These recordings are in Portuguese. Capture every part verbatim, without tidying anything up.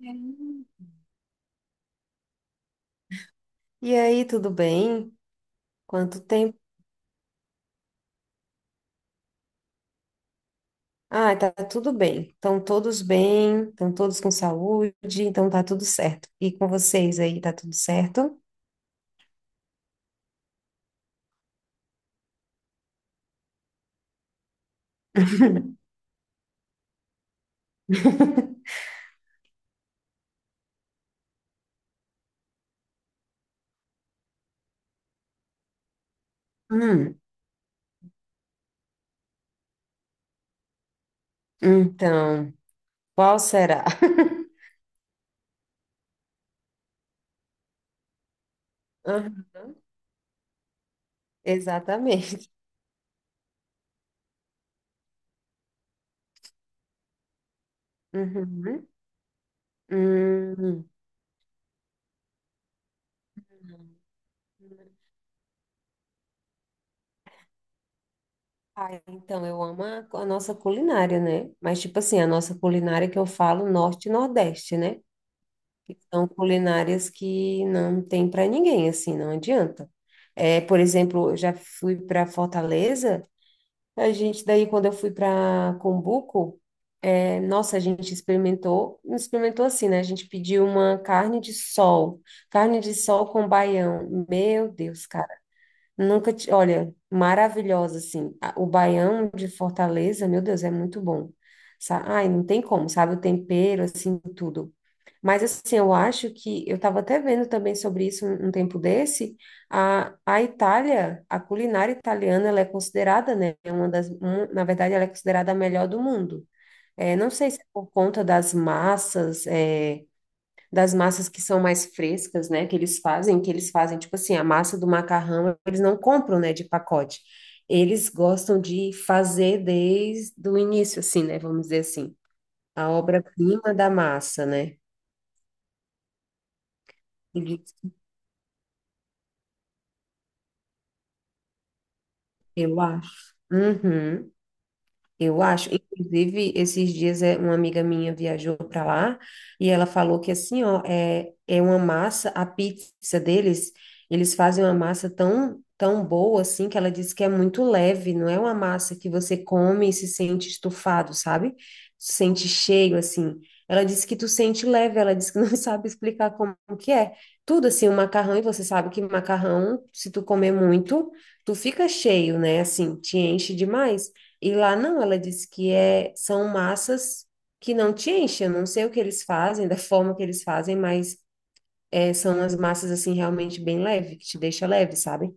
Hum. E aí, tudo bem? Quanto tempo? Ah, tá tudo bem. Estão todos bem, estão todos com saúde, então tá tudo certo. E com vocês aí, tá tudo certo? Hum, então, qual será? Aham. Exatamente. Uhum. Hum. Ah, então, eu amo a, a nossa culinária, né? Mas, tipo assim, a nossa culinária que eu falo, norte e nordeste, né? Que são culinárias que não tem para ninguém, assim, não adianta. É, por exemplo, eu já fui para Fortaleza, a gente daí quando eu fui para Cumbuco, é, nossa, a gente experimentou, experimentou assim, né? A gente pediu uma carne de sol, carne de sol com baião. Meu Deus, nunca, ti- olha, maravilhosa, assim. A- O baião de Fortaleza, meu Deus, é muito bom. Sa- Ai, não tem como, sabe? O tempero, assim, tudo. Mas, assim, eu acho que, eu estava até vendo também sobre isso um, um tempo desse, a, a Itália, a culinária italiana, ela é considerada, né, uma das, um- na verdade, ela é considerada a melhor do mundo. É, não sei se é por conta das massas, é, das massas que são mais frescas, né, que eles fazem, que eles fazem, tipo assim, a massa do macarrão, eles não compram, né, de pacote. Eles gostam de fazer desde o início, assim, né, vamos dizer assim, a obra-prima da massa, né? Eles- Eu acho. Uhum. Eu acho, inclusive, esses dias é, uma amiga minha viajou para lá e ela falou que assim, ó, é, é uma massa, a pizza deles, eles fazem uma massa tão, tão boa assim que ela disse que é muito leve, não é uma massa que você come e se sente estufado, sabe? Se sente cheio assim. Ela disse que tu sente leve, ela disse que não sabe explicar como que é. Tudo assim, o macarrão, e você sabe que macarrão, se tu comer muito, tu fica cheio, né? Assim, te enche demais. E lá não, ela disse que é, são massas que não te enchem. Eu não sei o que eles fazem, da forma que eles fazem, mas é, são as massas assim realmente bem leve, que te deixa leve, sabe?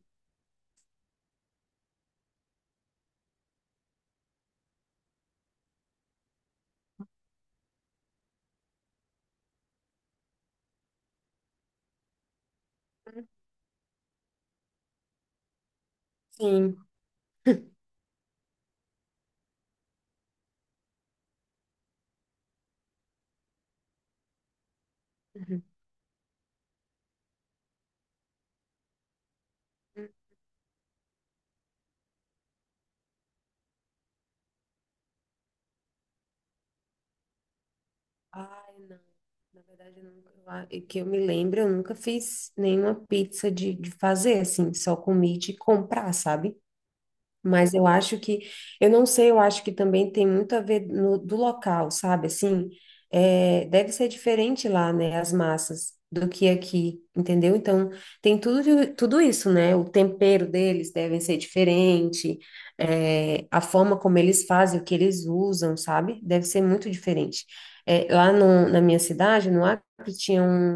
Sim. Uhum. Ai, não. Na verdade, eu nunca, lá- e que eu me lembro, eu nunca fiz nenhuma pizza de, de fazer, assim, só comi de comprar, sabe? Mas eu acho que, eu não sei, eu acho que também tem muito a ver no, do local, sabe? Assim, é, deve ser diferente lá, né? As massas do que aqui, entendeu? Então, tem tudo, tudo isso, né? O tempero deles deve ser diferente, é, a forma como eles fazem, o que eles usam, sabe? Deve ser muito diferente. É, lá no- na minha cidade, no Acre, tinha um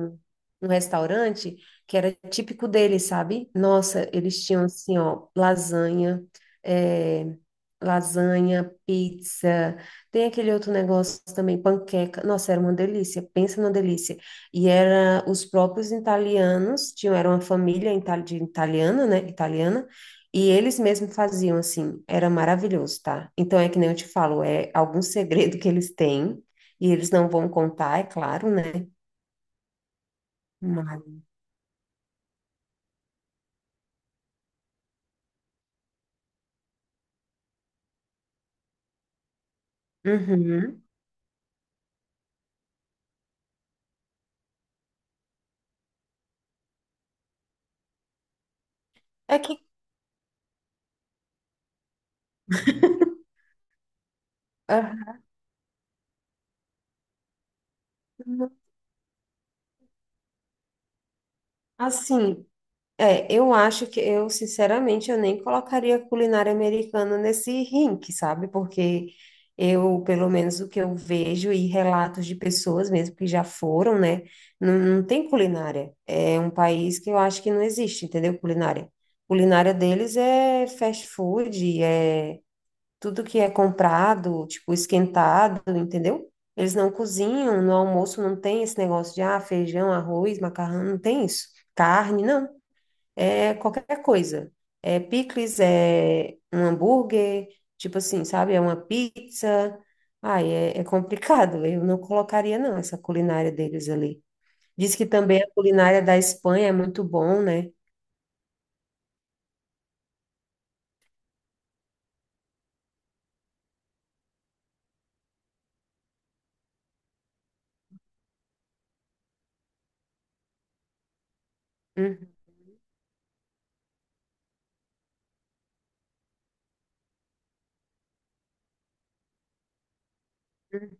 restaurante que era típico deles, sabe? Nossa, eles tinham assim, ó, lasanha, é, lasanha, pizza, tem aquele outro negócio também, panqueca. Nossa, era uma delícia, pensa numa delícia. E era os próprios italianos, tinham, era uma família ita- de italiana, né? Italiana. E eles mesmos faziam assim, era maravilhoso, tá? Então é que nem eu te falo, é algum segredo que eles têm, e eles não vão contar, é claro, né? Mas... Uhum. É que, ah, assim, é, eu acho que eu, sinceramente, eu nem colocaria culinária americana nesse rink, sabe? Porque eu, pelo menos o que eu vejo e relatos de pessoas mesmo que já foram, né? Não, não tem culinária. É um país que eu acho que não existe, entendeu? Culinária. Culinária deles é fast food, é tudo que é comprado, tipo esquentado, entendeu? Eles não cozinham, no almoço não tem esse negócio de ah, feijão, arroz, macarrão, não tem isso. Carne, não. É qualquer coisa. É picles, é um hambúrguer, tipo assim, sabe? É uma pizza. Ai, é, é complicado. Eu não colocaria, não, essa culinária deles ali. Diz que também a culinária da Espanha é muito bom, né? Uhum.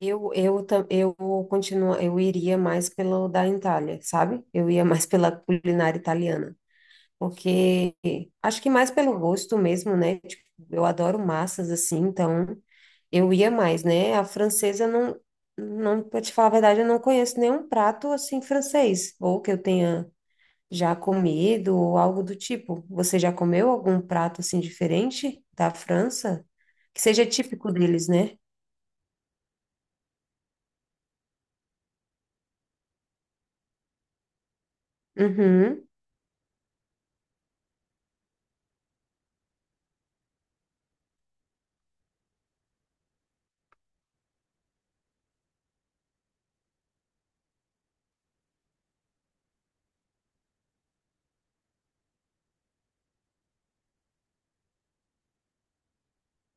Eu, eu, ta- eu continuo, eu iria mais pelo da Itália, sabe? Eu ia mais pela culinária italiana, porque acho que mais pelo gosto mesmo, né? Tipo, eu adoro massas assim, então eu ia mais, né? A francesa não, não, para te falar a verdade, eu não conheço nenhum prato assim francês, ou que eu tenha já comido ou algo do tipo. Você já comeu algum prato assim diferente da França? Que seja típico deles, né? Uhum.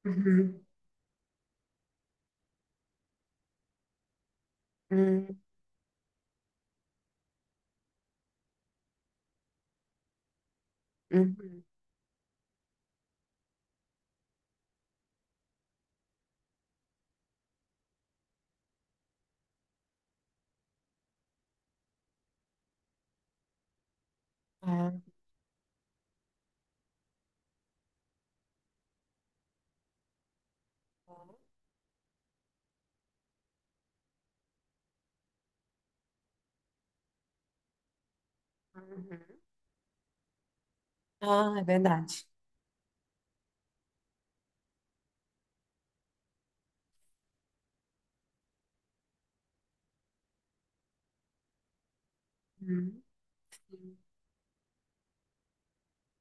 Uhum. Hum, hum, ah, uhum. Ah, é verdade. Uhum.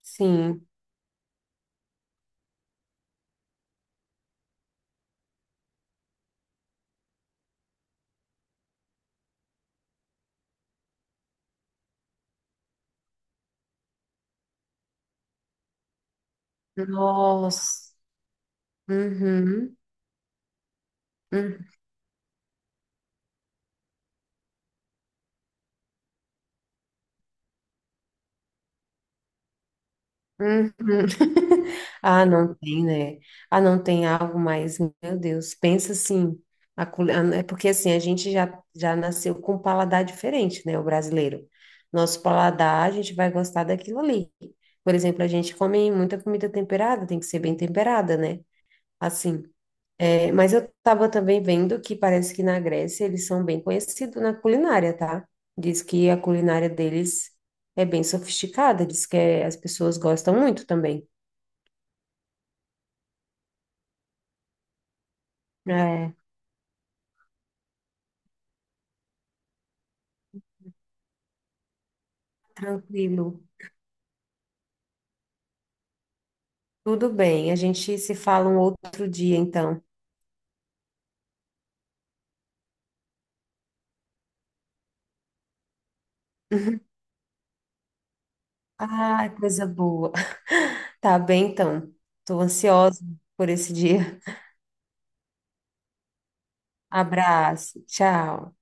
Sim. Nossa. Uhum. Uhum. Uhum. Ah, não tem, né? Ah, não tem algo mais. Meu Deus, pensa assim. a cul- a- É porque assim, a gente já, já nasceu com um paladar diferente, né? O brasileiro. Nosso paladar, a gente vai gostar daquilo ali. Por exemplo, a gente come muita comida temperada, tem que ser bem temperada, né? Assim. É, mas eu estava também vendo que parece que na Grécia eles são bem conhecidos na culinária, tá? Diz que a culinária deles é bem sofisticada, diz que é- as pessoas gostam muito também. É, tranquilo. Tudo bem, a gente se fala um outro dia, então. Ah, coisa boa. Tá bem, então. Estou ansiosa por esse dia. Abraço, tchau.